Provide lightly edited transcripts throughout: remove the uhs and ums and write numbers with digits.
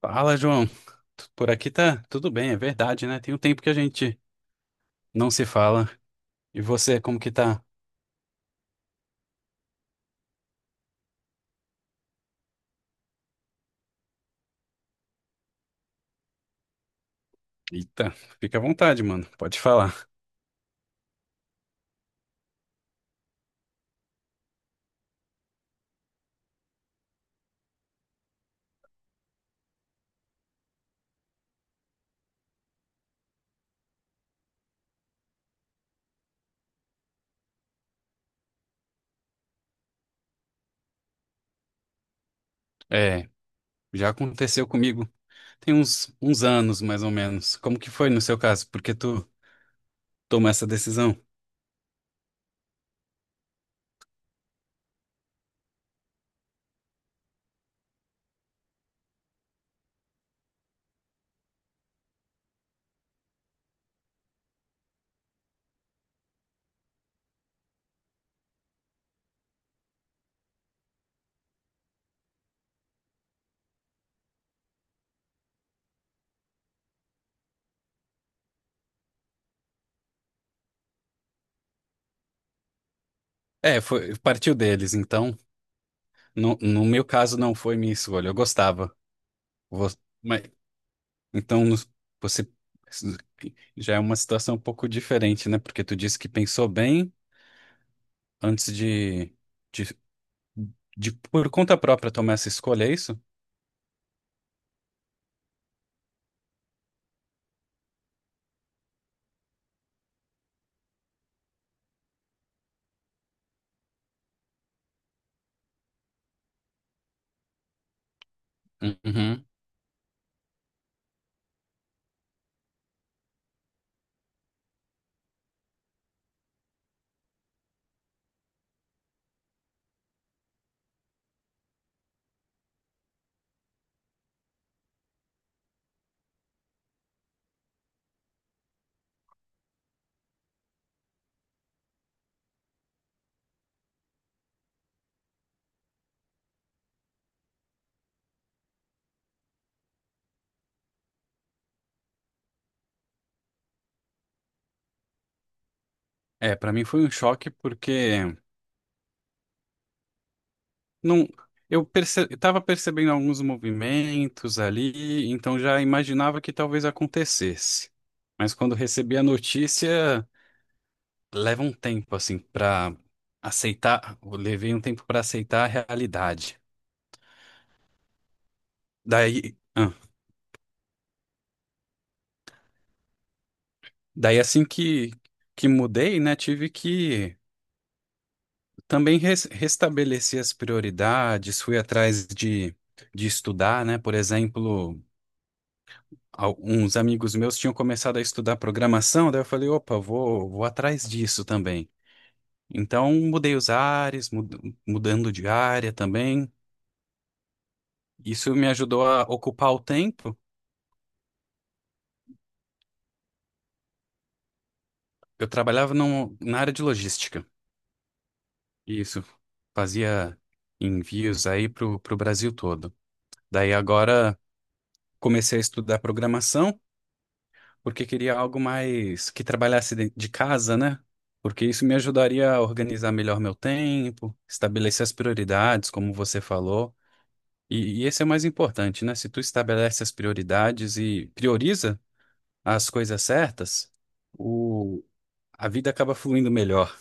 Fala, João. Por aqui tá tudo bem, é verdade, né? Tem um tempo que a gente não se fala. E você, como que tá? Eita, fica à vontade, mano. Pode falar. É, já aconteceu comigo. Tem uns anos, mais ou menos. Como que foi no seu caso? Porque tu tomou essa decisão? É, foi, partiu deles, então. No meu caso, não foi minha escolha. Eu gostava. Vo- mas, então, no- Você já é uma situação um pouco diferente, né? Porque tu disse que pensou bem antes de. De De por conta própria tomar essa escolha, é isso? Uhum. É, pra mim foi um choque porque não eu estava percebendo alguns movimentos ali, então já imaginava que talvez acontecesse. Mas quando recebi a notícia, leva um tempo assim pra aceitar, eu levei um tempo pra aceitar a realidade. Daí, ah, daí assim que mudei, né, tive que também restabeleci as prioridades, fui de estudar, né? Por exemplo, uns amigos meus tinham começado a estudar programação, daí eu falei, opa, vou atrás disso também. Então, mudei os ares, mudando de área também. Isso me ajudou a ocupar o tempo. Eu trabalhava na área de logística. Isso. Fazia envios aí para o Brasil todo. Daí agora comecei a estudar programação. Porque queria algo mais que trabalhasse de casa, né? Porque isso me ajudaria a organizar melhor meu tempo, estabelecer as prioridades, como você falou. E esse é o mais importante, né? Se tu estabelece as prioridades e prioriza as coisas certas, o, a vida acaba fluindo melhor.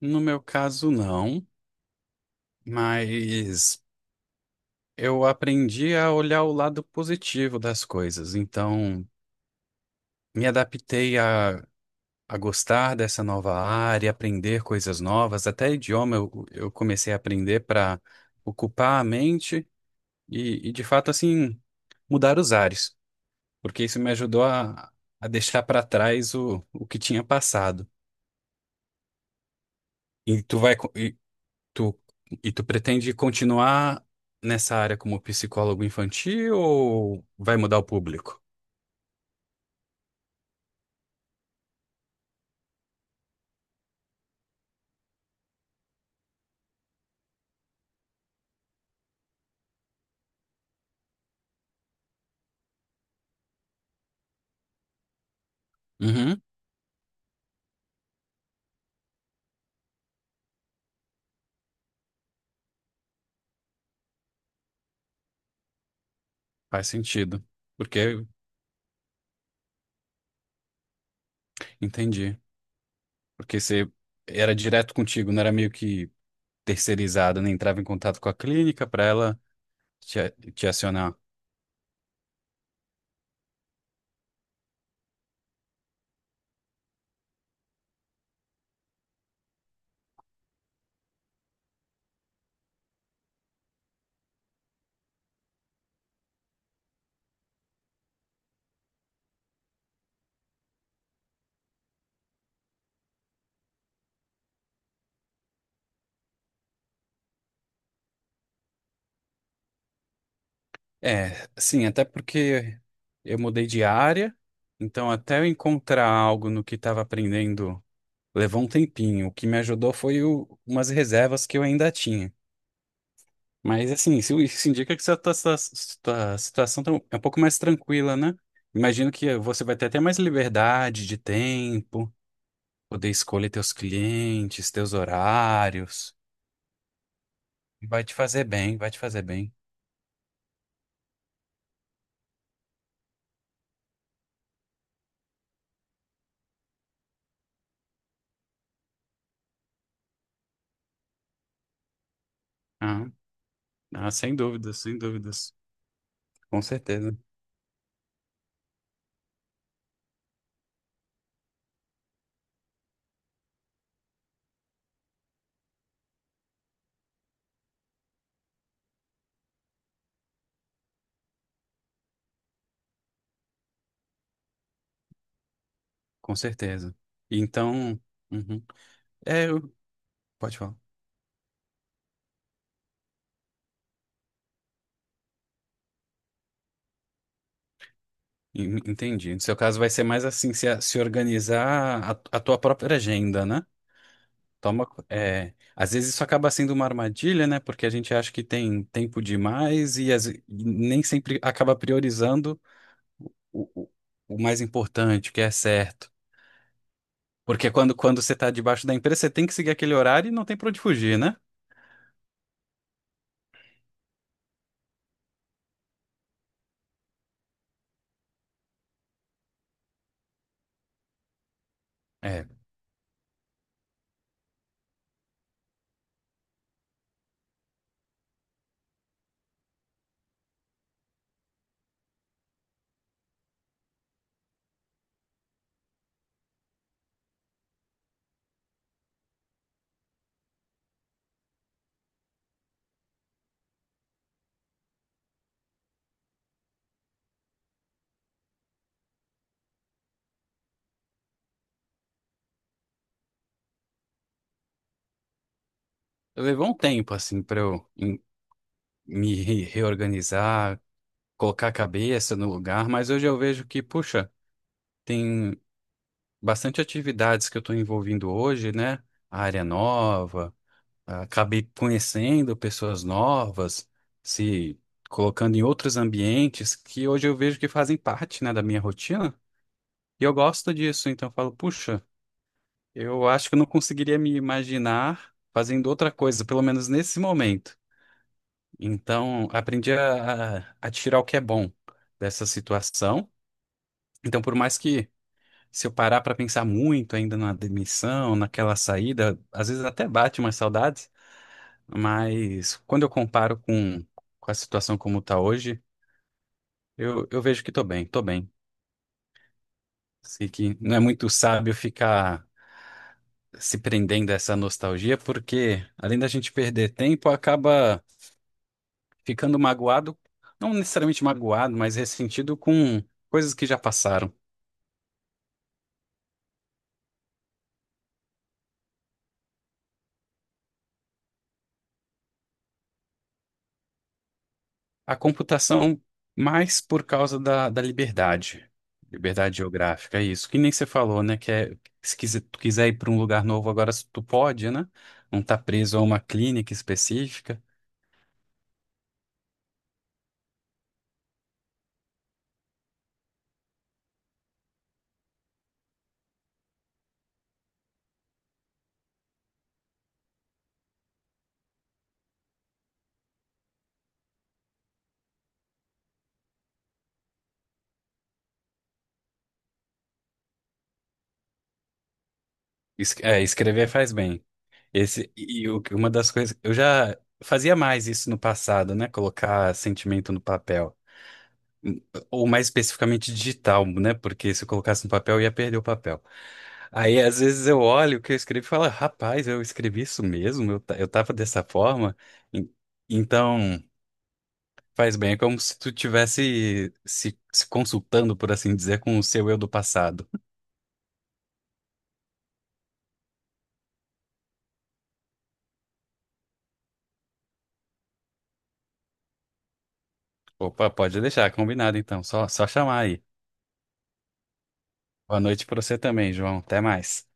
No meu caso, não, mas eu aprendi a olhar o lado positivo das coisas. Então, me adaptei a gostar dessa nova área, aprender coisas novas, até idioma eu comecei a aprender para ocupar a mente de fato, assim, mudar os ares, porque isso me ajudou a deixar para trás o que tinha passado. E tu vai, co- tu, e tu pretende continuar nessa área como psicólogo infantil ou vai mudar o público? Uhum, faz sentido, porque entendi, porque você era direto contigo, não era meio que terceirizada, né, entrava em contato com a clínica para ela te acionar. É, sim, até porque eu mudei de área, então até eu encontrar algo no que estava aprendendo levou um tempinho. O que me ajudou foi umas reservas que eu ainda tinha. Mas assim, isso indica que sua situação tá é um pouco mais tranquila, né? Imagino que você vai ter até mais liberdade de tempo, poder escolher teus clientes, teus horários. Vai te fazer bem, vai te fazer bem. Ah, ah, sem dúvidas, sem dúvidas. Com certeza, com certeza. Então, uhum. É, eu- pode falar. Entendi. No seu caso vai ser mais assim, se organizar a tua própria agenda, né? É, às vezes isso acaba sendo uma armadilha, né? Porque a gente acha que tem tempo demais e e nem sempre acaba priorizando o, o o mais importante, o que é certo. Porque quando você está debaixo da empresa, você tem que seguir aquele horário e não tem para onde fugir, né? É. Levou um tempo, assim, pra eu em- me re- reorganizar, colocar a cabeça no lugar, mas hoje eu vejo que, puxa, tem bastante atividades que eu estou envolvindo hoje, né? A área nova, acabei conhecendo pessoas novas, se colocando em outros ambientes que hoje eu vejo que fazem parte, né, da minha rotina, e eu gosto disso, então eu falo, puxa, eu acho que eu não conseguiria me imaginar fazendo outra coisa, pelo menos nesse momento. Então, aprendi a tirar o que é bom dessa situação. Então, por mais que se eu parar para pensar muito ainda na demissão, naquela saída, às vezes até bate umas saudades, mas quando eu comparo com a situação como está hoje, eu vejo que estou bem, estou bem. Sei que não é muito sábio ficar se prendendo a essa nostalgia, porque além da gente perder tempo, acaba ficando magoado, não necessariamente magoado, mas ressentido com coisas que já passaram. A computação mais por causa da liberdade, liberdade geográfica, é isso. Que nem você falou, né? Se quiser, tu quiser ir para um lugar novo agora, tu pode, né? Não tá preso a uma clínica específica. Escrever faz bem. Esse, uma das coisas, eu já fazia mais isso no passado, né? Colocar sentimento no papel. Ou mais especificamente digital, né? Porque se eu colocasse no papel, ia perder o papel. Aí, às vezes, eu olho o que eu escrevi e falo, rapaz, eu escrevi isso mesmo, eu tava dessa forma. En- Então, faz bem, é como se tu tivesse se consultando, por assim dizer, com o seu eu do passado. Opa, pode deixar, combinado então, só chamar aí. Boa noite pra você também, João. Até mais.